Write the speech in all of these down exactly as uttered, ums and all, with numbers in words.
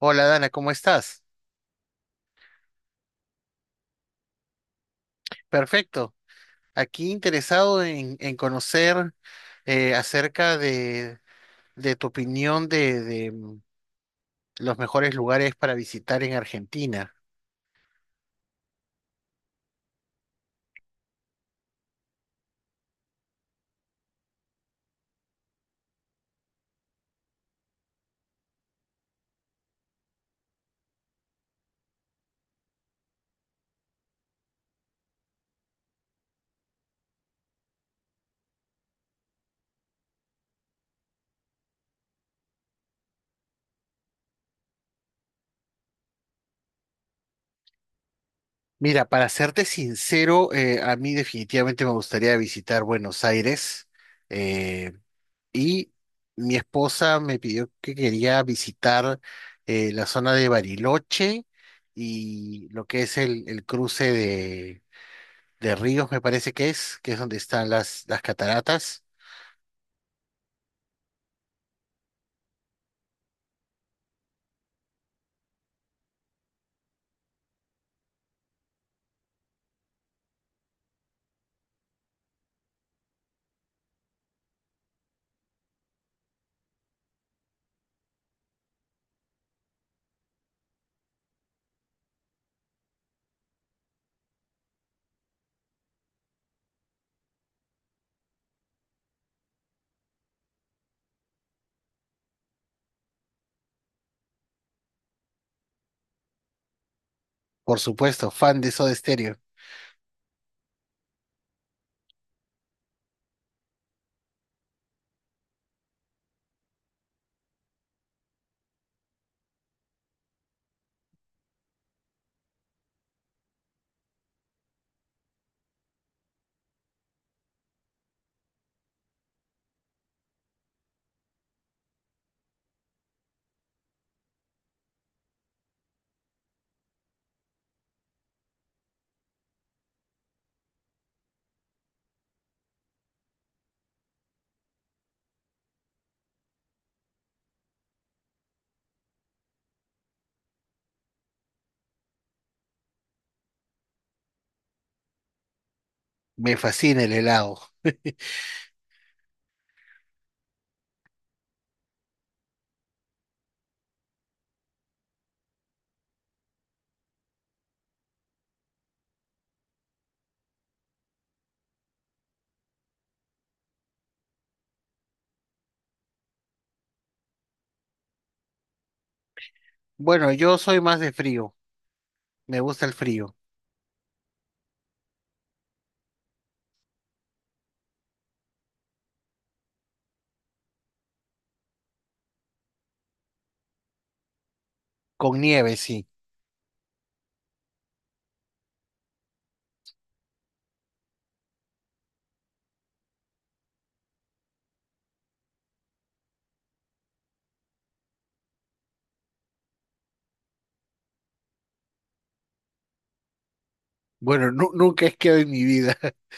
Hola Dana, ¿cómo estás? Perfecto. Aquí interesado en, en conocer eh, acerca de, de tu opinión de, de, mm, los mejores lugares para visitar en Argentina. Mira, para serte sincero, eh, a mí definitivamente me gustaría visitar Buenos Aires. eh, Y mi esposa me pidió que quería visitar eh, la zona de Bariloche y lo que es el, el cruce de, de ríos, me parece que es, que es donde están las, las cataratas. Por supuesto, fan de Soda Stereo. Me fascina el helado. Bueno, yo soy más de frío. Me gusta el frío. Con nieve, sí. Bueno, nu- nunca he quedado en mi vida.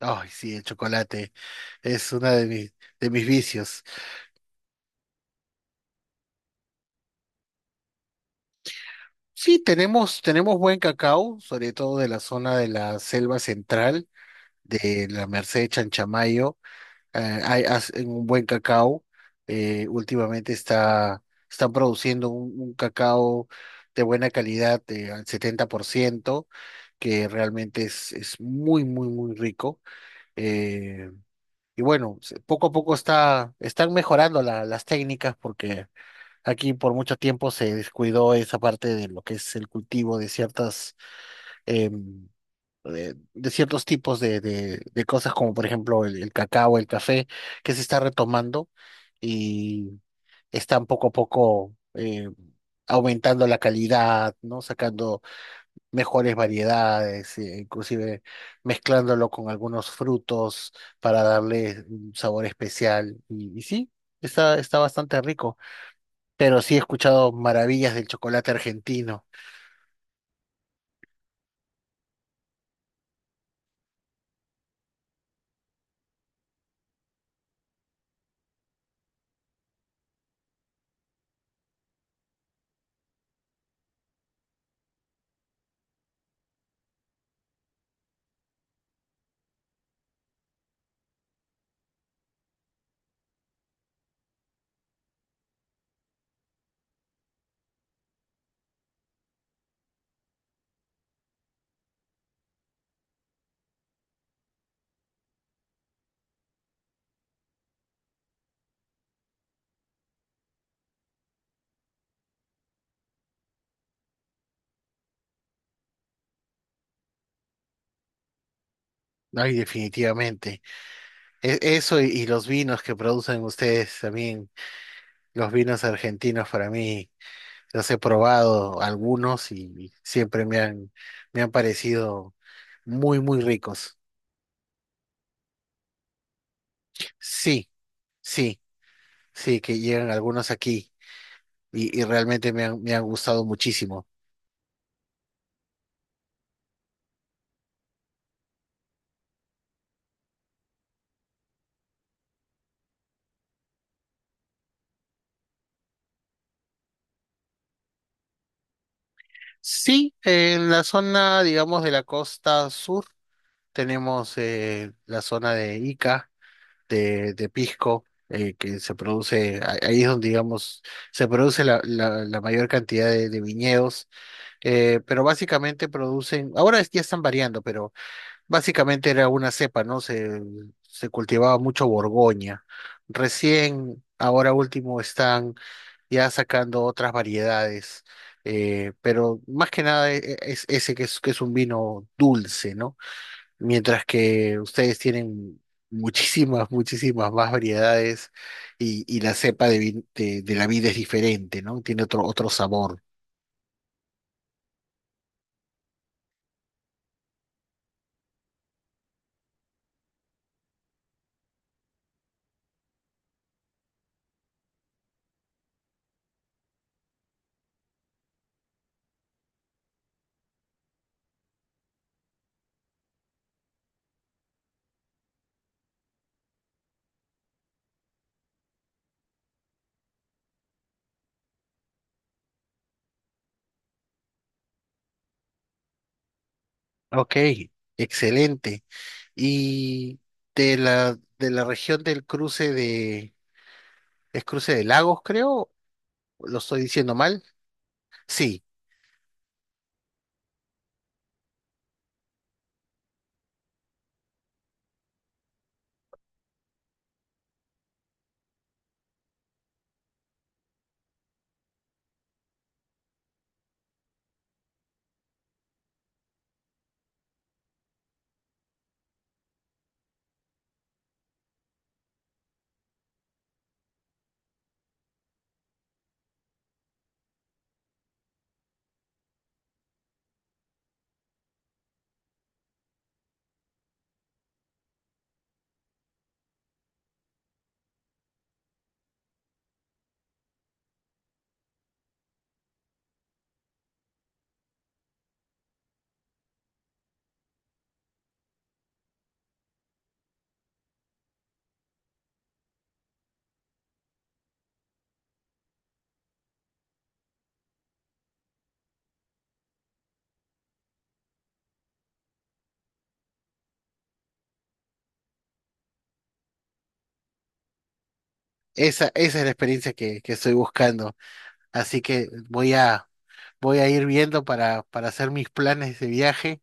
Ay, sí, el chocolate es uno de mis, de mis vicios. Sí, tenemos, tenemos buen cacao, sobre todo de la zona de la selva central, de la Merced Chanchamayo. Eh, hay, hacen un buen cacao. eh, últimamente está, están produciendo un, un cacao de buena calidad, eh, al setenta por ciento, que realmente es, es muy, muy, muy rico. eh, y bueno, se- poco a poco está, están mejorando la- las técnicas porque aquí por mucho tiempo se descuidó esa parte de lo que es el cultivo de ciertas em, de, de ciertos tipos de, de, de cosas, como por ejemplo el, el cacao, el café, que se está retomando y están poco a poco eh, aumentando la calidad, ¿no? Sacando mejores variedades, eh, inclusive mezclándolo con algunos frutos para darle un sabor especial. Y, y sí, está, está bastante rico. Pero sí, he escuchado maravillas del chocolate argentino. Ay, definitivamente. E- Eso y, y los vinos que producen ustedes también, los vinos argentinos para mí, los he probado algunos y siempre me han, me han parecido muy, muy ricos. Sí, sí, sí, que llegan algunos aquí y, y realmente me han, me han gustado muchísimo. Sí, en la zona, digamos, de la costa sur tenemos eh, la zona de Ica de, de pisco, eh, que se produce, a- ahí es donde digamos se produce la, la, la mayor cantidad de, de viñedos, eh, pero básicamente producen, ahora es- ya están variando, pero básicamente era una cepa, ¿no? Se, se cultivaba mucho Borgoña. Recién, ahora último, están ya sacando otras variedades, eh, pero más que nada e- e- es ese, que es, que es un vino dulce, ¿no? Mientras que ustedes tienen muchísimas, muchísimas más variedades y, y la cepa de, vi- de, de la vida es diferente, ¿no? Tiene otro, otro sabor. Ok, excelente. Y de la, de la región del cruce de, es cruce de lagos, creo, ¿lo estoy diciendo mal? Sí, esa, esa es la experiencia que, que estoy buscando. Así que voy a, voy a ir viendo para, para hacer mis planes de viaje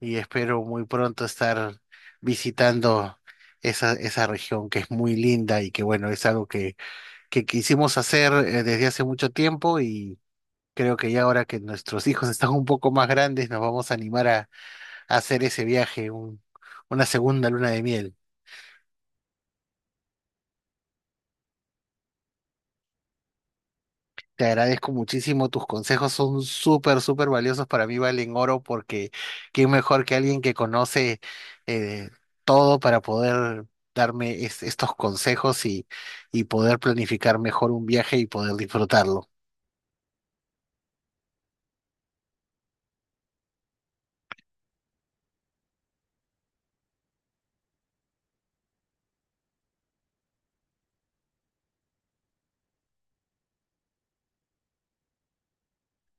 y espero muy pronto estar visitando esa, esa región que es muy linda y que bueno, es algo que, que quisimos hacer eh, desde hace mucho tiempo y creo que ya ahora que nuestros hijos están un poco más grandes nos vamos a animar a, a hacer ese viaje, un- una segunda luna de miel. Te agradezco muchísimo, tus consejos son súper, súper valiosos para mí, valen oro, porque quién mejor que alguien que conoce eh, todo para poder darme es- estos consejos y, y poder planificar mejor un viaje y poder disfrutarlo.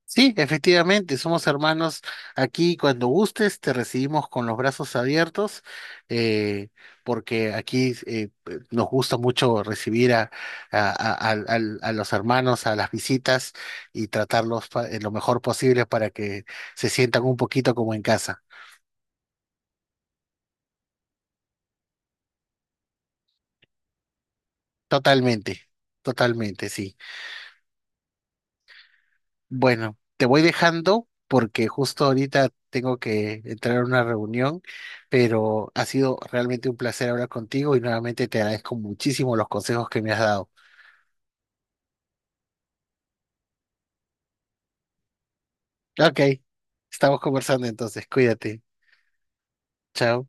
Sí, efectivamente, somos hermanos aquí. Cuando gustes, te recibimos con los brazos abiertos, eh, porque aquí eh, eh, nos gusta mucho recibir a, a- a- al- al- a los hermanos, a las visitas y tratarlos pa- eh, lo mejor posible para que se sientan un poquito como en casa. Totalmente, totalmente, sí. Bueno, te voy dejando porque justo ahorita tengo que entrar a una reunión, pero ha sido realmente un placer hablar contigo y nuevamente te agradezco muchísimo los consejos que me has dado. Ok, estamos conversando entonces, cuídate. Chao.